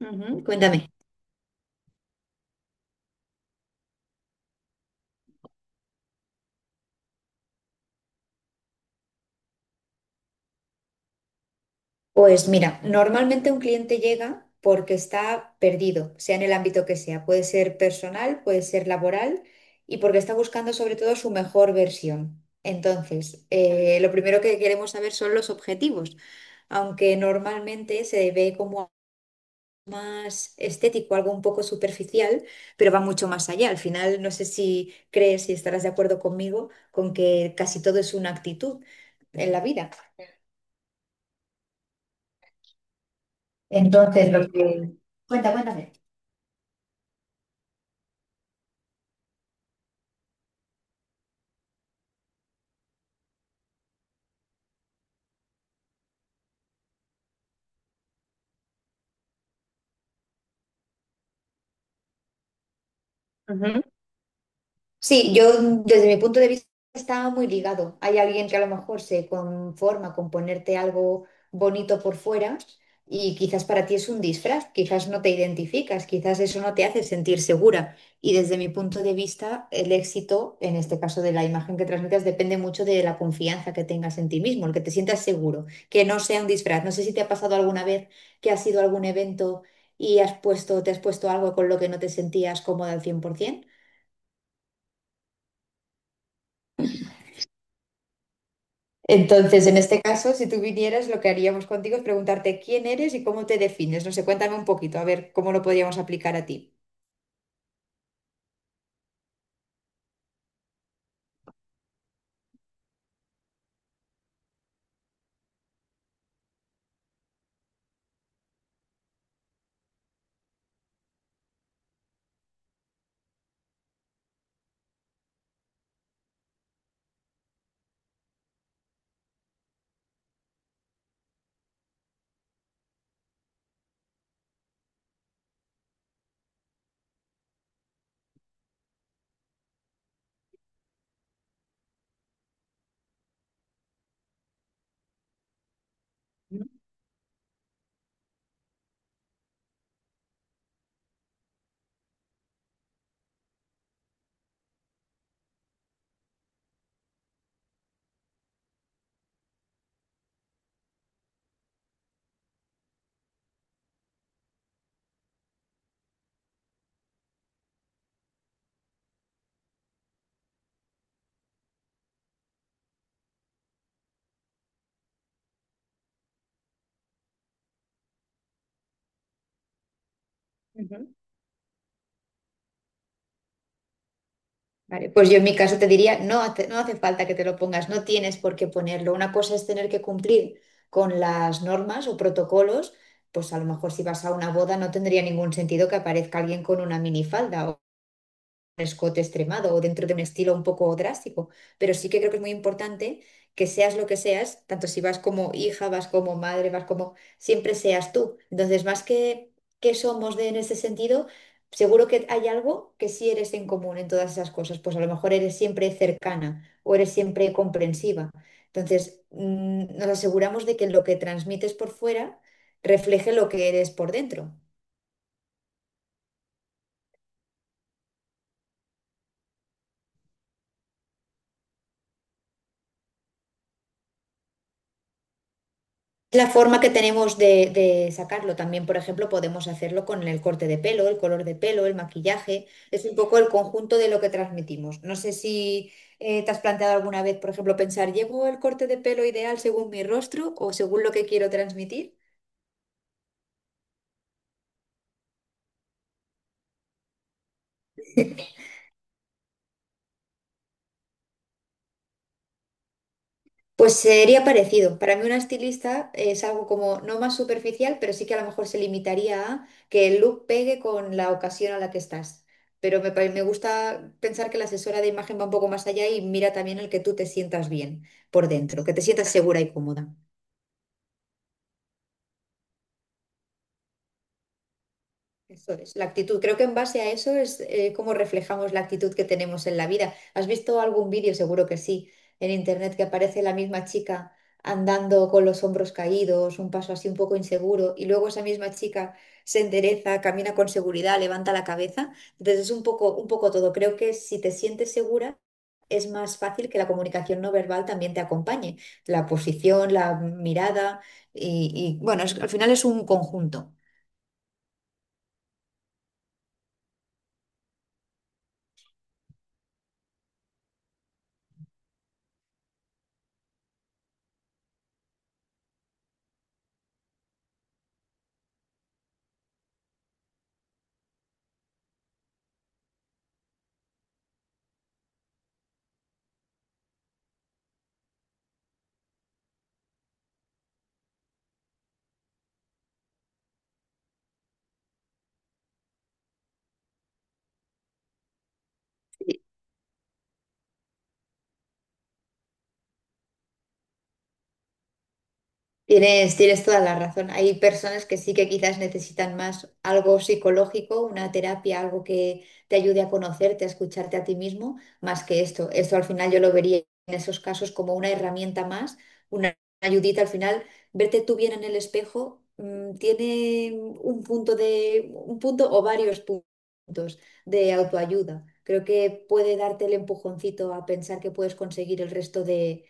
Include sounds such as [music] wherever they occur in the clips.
Ujú, cuéntame. Pues mira, normalmente un cliente llega porque está perdido, sea en el ámbito que sea. Puede ser personal, puede ser laboral y porque está buscando sobre todo su mejor versión. Entonces, lo primero que queremos saber son los objetivos, aunque normalmente se ve como más estético, algo un poco superficial, pero va mucho más allá. Al final, no sé si crees y estarás de acuerdo conmigo con que casi todo es una actitud en la vida. Entonces, lo que cuéntame. Sí, yo desde mi punto de vista está muy ligado. Hay alguien que a lo mejor se conforma con ponerte algo bonito por fuera y quizás para ti es un disfraz, quizás no te identificas, quizás eso no te hace sentir segura. Y desde mi punto de vista, el éxito, en este caso de la imagen que transmitas, depende mucho de la confianza que tengas en ti mismo, el que te sientas seguro, que no sea un disfraz. No sé si te ha pasado alguna vez que has ido a algún evento y has te has puesto algo con lo que no te sentías cómoda al 100%. Entonces, en este caso, si tú vinieras, lo que haríamos contigo es preguntarte quién eres y cómo te defines. No sé, cuéntame un poquito, a ver cómo lo podríamos aplicar a ti. Ujú, ujú. Vale, pues yo en mi caso te diría, no hace falta que te lo pongas, no tienes por qué ponerlo. Una cosa es tener que cumplir con las normas o protocolos, pues a lo mejor si vas a una boda no tendría ningún sentido que aparezca alguien con una minifalda escote extremado o dentro de un estilo un poco drástico, pero sí que creo que es muy importante que seas lo que seas, tanto si vas como hija, vas como madre, vas como, siempre seas tú. Entonces, que somos de, en ese sentido, seguro que hay algo que sí eres en común en todas esas cosas, pues a lo mejor eres siempre cercana o eres siempre comprensiva. Entonces, nos aseguramos de que lo que transmites por fuera refleje lo que eres por dentro. La forma que tenemos de sacarlo también, por ejemplo, podemos hacerlo con el corte de pelo, el color de pelo, el maquillaje. Es un poco el conjunto de lo que transmitimos. No sé si te has planteado alguna vez, por ejemplo, pensar, ¿llevo el corte de pelo ideal según mi rostro o según lo que quiero transmitir? Pues sería parecido. Para mí una estilista es algo como no más superficial, pero sí que a lo mejor se limitaría a que el look pegue con la ocasión a la que estás. Me gusta pensar que la asesora de imagen va un poco más allá y mira también el que tú te sientas bien por dentro, que te sientas segura y cómoda. Eso es, la actitud. Creo que en base a eso es como reflejamos la actitud que tenemos en la vida. ¿Has visto algún vídeo? Seguro que sí, en internet que aparece la misma chica andando con los hombros caídos, un paso así un poco inseguro, y luego esa misma chica se endereza, camina con seguridad, levanta la cabeza. Entonces es un poco todo. Creo que si te sientes segura, es más fácil que la comunicación no verbal también te acompañe. La posición, la mirada, y bueno, es- al final es un conjunto. Tienes toda la razón. Hay personas que sí que quizás necesitan más algo psicológico, una terapia, algo que te ayude a conocerte, a escucharte a ti mismo, más que esto. Esto al final yo lo vería en esos casos como una herramienta más, una ayudita. Al final, verte tú bien en el espejo, tiene un un punto o varios puntos de autoayuda. Creo que puede darte el empujoncito a pensar que puedes conseguir el resto de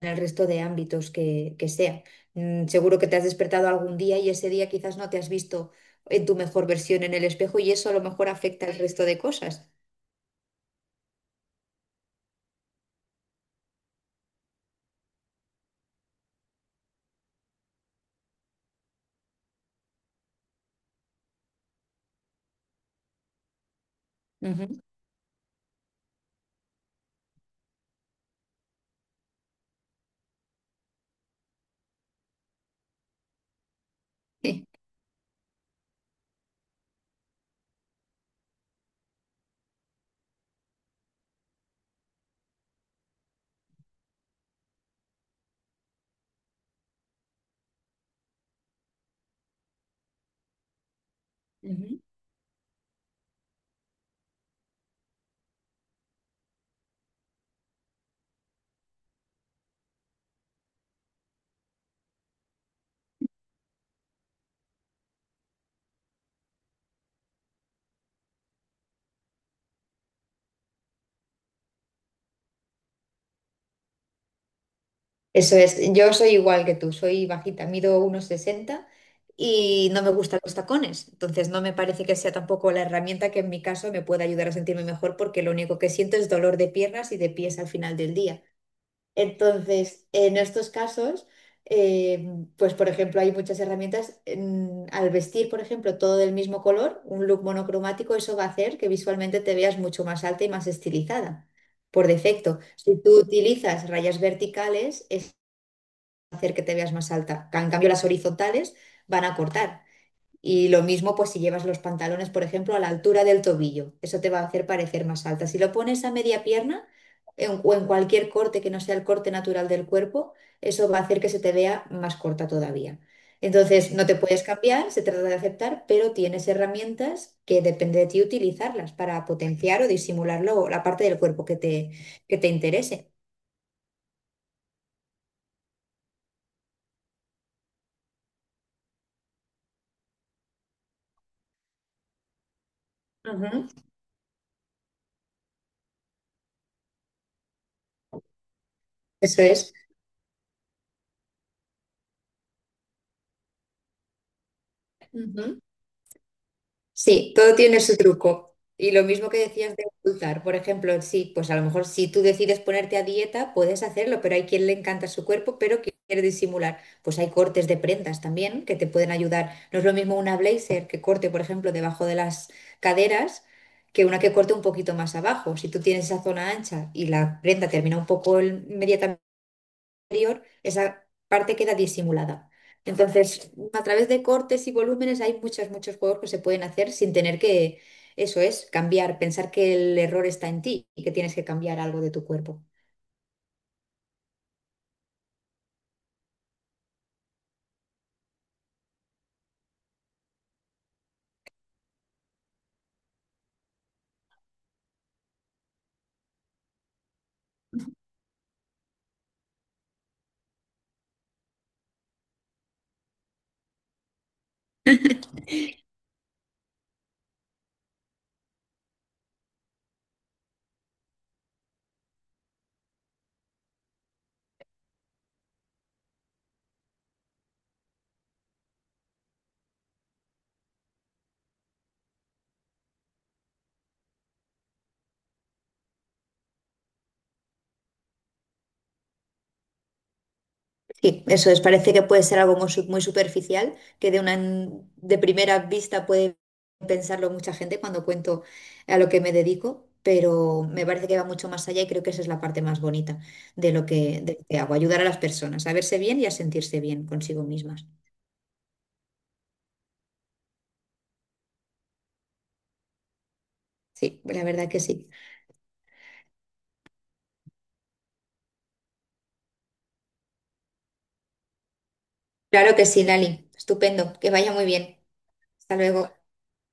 en el resto de ámbitos que sea. Seguro que te has despertado algún día y ese día quizás no te has visto en tu mejor versión en el espejo y eso a lo mejor afecta el resto de cosas. Ujú. [laughs] Ujú. Eso es, yo soy igual que tú, soy bajita, mido 1,60 y no me gustan los tacones, entonces no me parece que sea tampoco la herramienta que en mi caso me pueda ayudar a sentirme mejor porque lo único que siento es dolor de piernas y de pies al final del día. Entonces, en estos casos, eh, pues por ejemplo, hay muchas herramientas. En- al vestir, por ejemplo, todo del mismo color, un look monocromático, eso va a hacer que visualmente te veas mucho más alta y más estilizada, por defecto. Si tú utilizas rayas verticales, es hacer que te veas más alta. En cambio, las horizontales van a cortar. Y lo mismo, pues si llevas los pantalones, por ejemplo, a la altura del tobillo, eso te va a hacer parecer más alta. Si lo pones a media pierna o en cualquier corte que no sea el corte natural del cuerpo, eso va a hacer que se te vea más corta todavía. Entonces, no te puedes cambiar, se trata de aceptar, pero tienes herramientas que depende de ti utilizarlas para potenciar o disimular luego la parte del cuerpo que te interese. Ujú, eso es. Sí, todo tiene su truco. Y lo mismo que decías de ocultar, por ejemplo, sí, pues a lo mejor si tú decides ponerte a dieta, puedes hacerlo, pero hay quien le encanta su cuerpo, pero que quiere disimular. Pues hay cortes de prendas también que te pueden ayudar. No es lo mismo una blazer que corte, por ejemplo, debajo de las caderas, que una que corte un poquito más abajo. Si tú tienes esa zona ancha y la prenda termina un poco inmediatamente superior, esa parte queda disimulada. Entonces, a través de cortes y volúmenes hay muchos, muchos juegos que se pueden hacer sin tener que, eso es, cambiar, pensar que el error está en ti y que tienes que cambiar algo de tu cuerpo. [laughs] Sí, eso es. Parece que puede ser algo muy superficial, que de una de primera vista puede pensarlo mucha gente cuando cuento a lo que me dedico, pero me parece que va mucho más allá y creo que esa es la parte más bonita de lo que hago, ayudar a las personas a verse bien y a sentirse bien consigo mismas. Sí, la verdad que sí. Claro que sí, Lali. Estupendo. Que vaya muy bien. Hasta luego.